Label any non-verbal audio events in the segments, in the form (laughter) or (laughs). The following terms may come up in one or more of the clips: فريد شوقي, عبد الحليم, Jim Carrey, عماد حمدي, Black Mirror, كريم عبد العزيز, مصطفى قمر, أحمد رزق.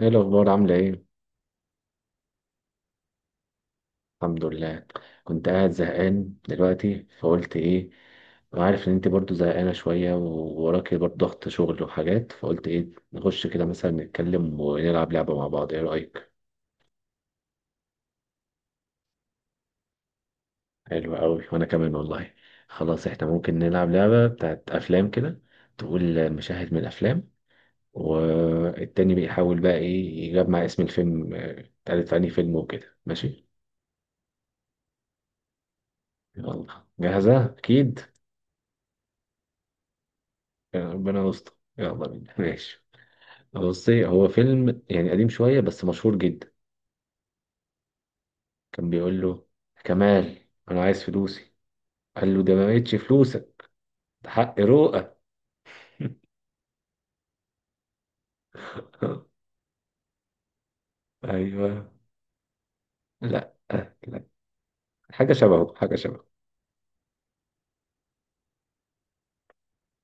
ايه الاخبار عامله ايه؟ الحمد لله. كنت قاعد زهقان دلوقتي فقلت ايه، عارف ان انت برضو زهقانه شويه ووراكي برضو ضغط شغل وحاجات، فقلت ايه نخش كده مثلا نتكلم ونلعب لعبه مع بعض، ايه رايك؟ حلو قوي وانا كمان والله. خلاص احنا ممكن نلعب لعبه بتاعت افلام كده، تقول مشاهد من الافلام والتاني بيحاول بقى ايه يجمع اسم الفيلم، اتقالت في انهي فيلم وكده، ماشي. يلا، جاهزه اكيد. يا ربنا يستر، يلا بينا، ماشي. بصي، هو فيلم يعني قديم شوية بس مشهور جدا. كان بيقول له كمال: أنا عايز فلوسي. قال له ده ما بقتش فلوسك، ده حق روقك. (laughs) أيوه. لا لا. حاجة شبهه حاجة شبهه.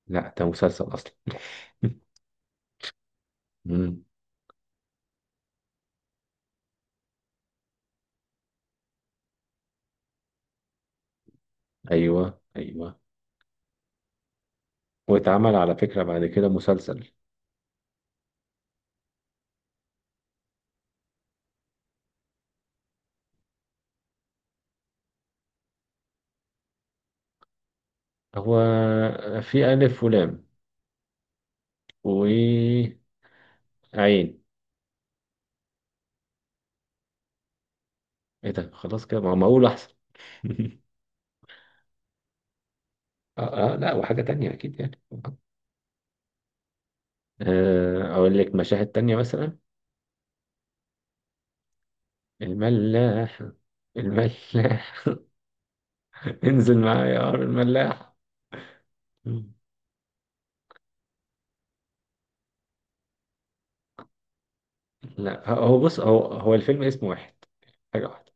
لا، ده مسلسل أصلا. (laughs) مم. أيوه أيوه. واتعمل على فكرة بعد كده مسلسل. هو في ألف ولام وعين، إيه؟ ده خلاص كده، ما أقول أحسن. (laughs) آه آه، لا وحاجة تانية أكيد يعني. أقول لك مشاهد تانية مثلا. الملاح الملاح. (laughs) انزل معايا يا عمرو الملاح. مم. لا هو بص، هو الفيلم اسمه واحد، حاجة واحدة.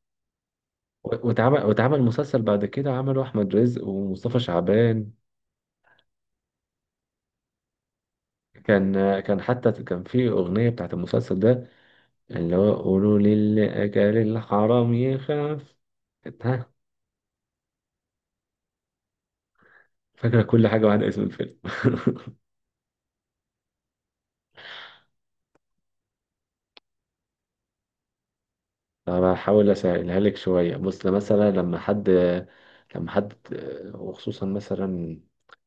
واتعمل مسلسل بعد كده، عمله أحمد رزق ومصطفى شعبان. كان في أغنية بتاعت المسلسل ده، اللي هو قولوا للي أكل الحرام يخاف. ها، فاكرة كل حاجة بعد اسم الفيلم. (laughs) انا هحاول اسهلها لك شويه. بص، مثلا لما حد، لما حد وخصوصا مثلا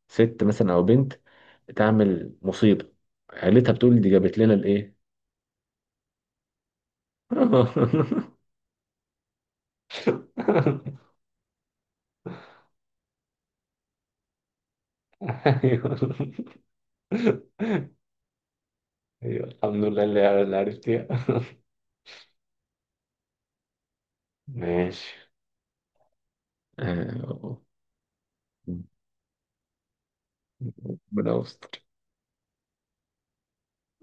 ست مثلا او بنت تعمل مصيبه، عيلتها بتقول دي جابت لنا الايه. (laughs) ايوه ايوه، الحمد لله اللي عرفتيها. ماشي، آه، ربنا يستر.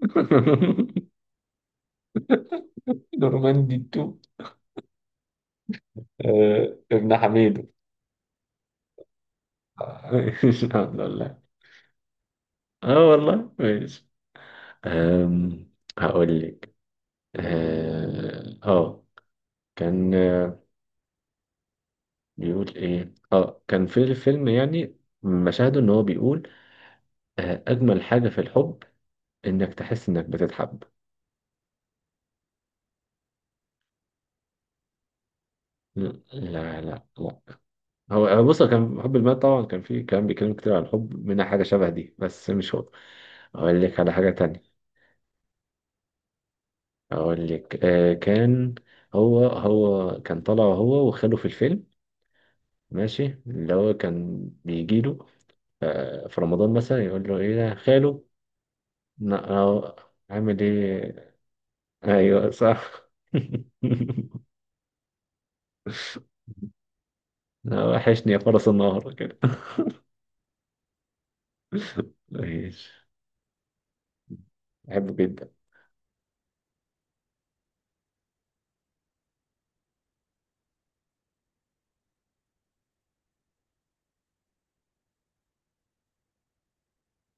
(laughs) نورماندي 2، ابن حميدو. (laughs) الحمد لله. اه والله ماشي. أم هقول لك. اه آه، كان بيقول ايه، كان في الفيلم يعني مشاهده، ان هو بيقول اجمل حاجة في الحب انك تحس انك بتتحب. لا لا لا لا. هو بص، هو كان حب المال طبعا، كان فيه كلام بيتكلم كتير عن الحب منها حاجة شبه دي بس مش هو. اقول لك على حاجة تانية. اقول لك كان، هو كان طالع هو وخاله في الفيلم. ماشي، اللي هو كان بيجيله في رمضان مثلا يقول له ايه ده خاله، لا أهو، عامل ايه. ايوه صح. (laughs) لا، وحشني يا فرس النهر كده. (laughs) ماشي، بحبه جدا.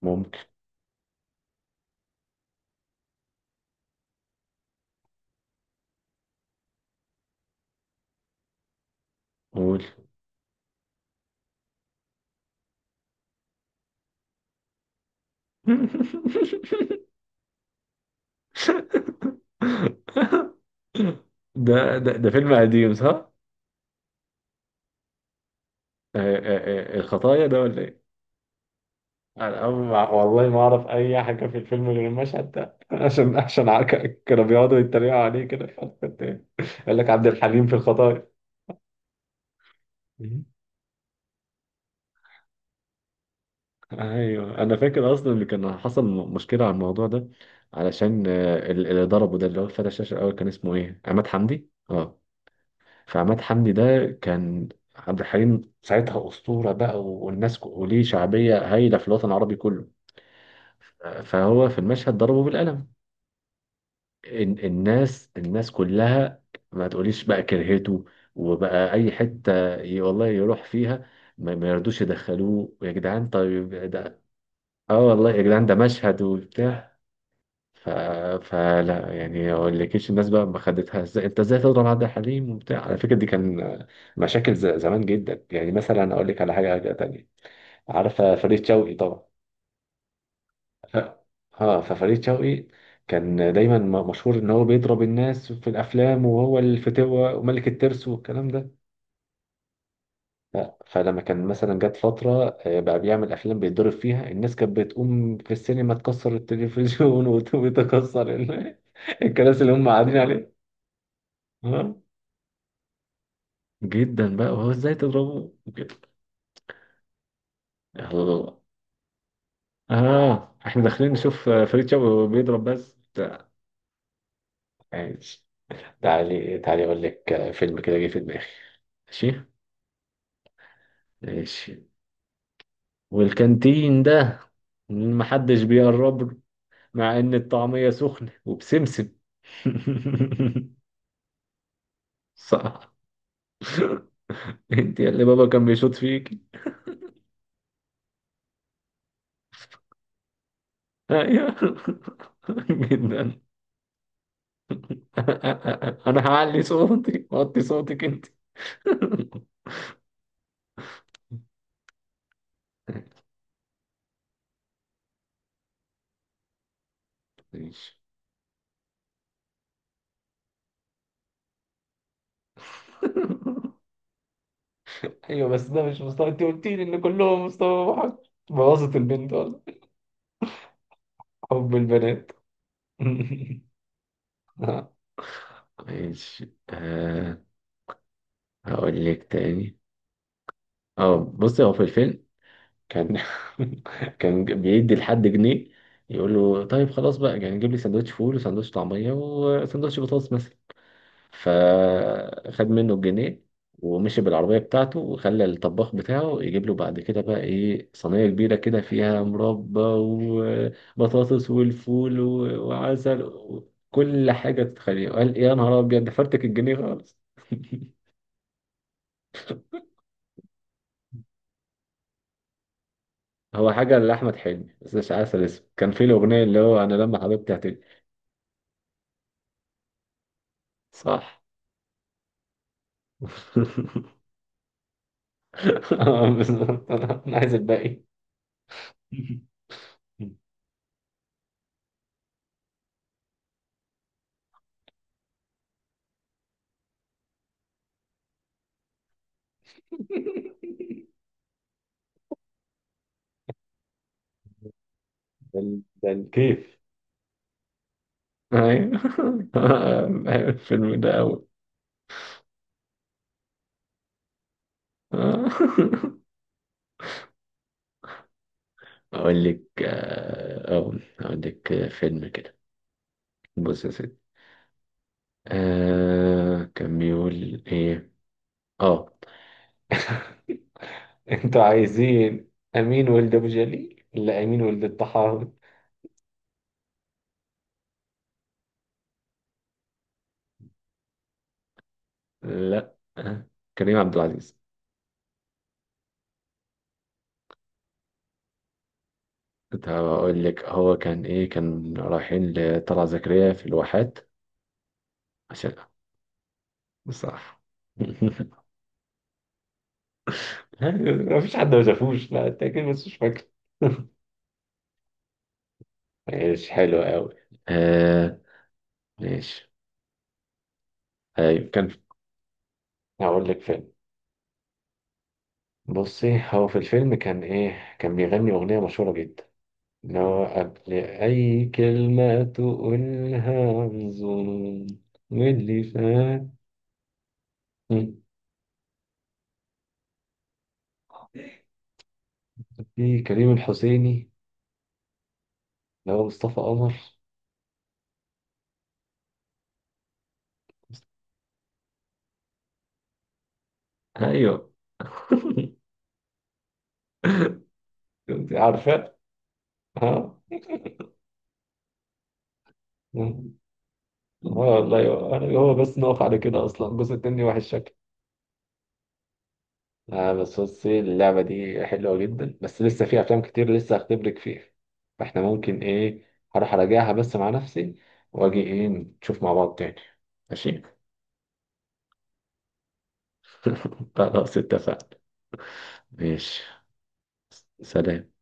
ممكن، قول. (laughs) ده فيلم قديم صح؟ الخطايا ده ولا ايه؟ انا والله ما اعرف اي حاجه في الفيلم غير المشهد ده. (laughs) عشان كانوا بيقعدوا يتريقوا عليه كده في الحلقة التانية. يقول لك عبد الحليم في الخطايا. ايوه، انا فاكر اصلا ان كان حصل مشكله على الموضوع ده، علشان اللي ضربه، ده اللي هو فتح الشاشه الاول، كان اسمه ايه؟ عماد حمدي اه. فعماد حمدي ده كان عبد الحليم ساعتها اسطوره بقى، والناس وليه شعبيه هايله في الوطن العربي كله. فهو في المشهد ضربه بالقلم. الناس الناس كلها ما تقوليش بقى كرهته، وبقى اي حته والله يروح فيها، ما يرضوش يدخلوه يا جدعان طيب. ده اه والله يا جدعان ده مشهد وبتاع. ف... فلا يعني، ما اقولكيش الناس بقى ما خدتها ازاي، انت ازاي تضرب عبد الحليم وبتاع، على فكره دي كان مشاكل زمان جدا يعني. مثلا اقول لك على حاجه تانية، عارفه فريد شوقي طبعا. ف... اه ففريد شوقي كان دايما مشهور ان هو بيضرب الناس في الافلام وهو الفتوه وملك الترس والكلام ده. فلما كان مثلا جت فتره، بقى بيعمل افلام بيتضرب فيها الناس، كانت بتقوم في السينما تكسر التلفزيون (laughs) وتكسر الكراسي اللي هم قاعدين عليها، جدا بقى، وهو ازاي تضربه وكده. يلا اه، احنا داخلين نشوف فريد شوقي بيضرب بس بتاع. ماشي. تعالي تعالي اقول لك فيلم كده جه في دماغي. ماشي ماشي. والكانتين ده محدش بيقرب له، مع ان الطعمية سخنة وبسمسم. (laughs) صح، انت اللي بابا كان بيشوط فيكي. ايوه. (laughs) جدا. (laughs) انا هعلي صوتي وطي صوتك انت. (laughs) ماشي. ايوه بس ده مش مستوى، انت قلت لي ان كلهم مستوى واحد. بوظت البنت ولا حب البنات. (laughs) آه. ماشي آه، هقول لك تاني. اه، بصي هو في الفيلم كان (laughs) كان بيدي لحد جنيه يقول له طيب خلاص بقى يعني جيب لي سندوتش فول وسندوتش طعمية وسندوتش بطاطس مثلا. فخد منه الجنيه ومشي بالعربية بتاعته وخلى الطباخ بتاعه يجيب له بعد كده بقى ايه صينية كبيرة كده فيها مربى وبطاطس والفول وعسل وكل حاجة تتخيلها. قال يا نهار أبيض، ده فرتك الجنيه خالص. (laughs) هو حاجة لأحمد حلمي بس مش عسل، اسمه كان في الأغنية اللي هو أنا لما حبيبتي هتجي. صح. (laughs) بالظبط، أنا عايز الباقي. (laughs) ده ده الكيف. ايوه. (laughs) بحب الفيلم ده أوي. (laughs) أقول لك أقول لك فيلم كده. بص يا سيدي، آه كان بيقول إيه؟ آه أنتوا عايزين أمين ولد أبو جليل ولا أمين ولد الطحاوي؟ لا كريم عبد العزيز. كنت هقول لك، هو كان إيه، كان رايحين لطلعت زكريا في الواحات عشان بصراحة. (laughs) لا مفيش حد ما شافوش، لا أنت أكيد بس مش فاكر. (laughs) ماشي حلو قوي آه. ماشي، ايوه كان، هقول لك فيلم. بصي هو في الفيلم كان ايه، كان بيغني اغنيه مشهوره جدا، ان هو قبل اي كلمه تقولها بظنون واللي فات. مم. في كريم الحسيني اللي هو مصطفى قمر. ايوه. (laughs) كنت عارفه. ها. (laughs) آه، والله، هو بس نقف على كده اصلا، الجزء التاني وحش شكله. آه بس بصي، اللعبة دي حلوة جدا بس لسه في أفلام كتير لسه هختبرك فيها. فاحنا ممكن إيه، هروح أراجعها بس مع نفسي وأجي إيه نشوف مع بعض تاني. ماشي. (laughs) خلاص اتفقنا. ماشي، سلام.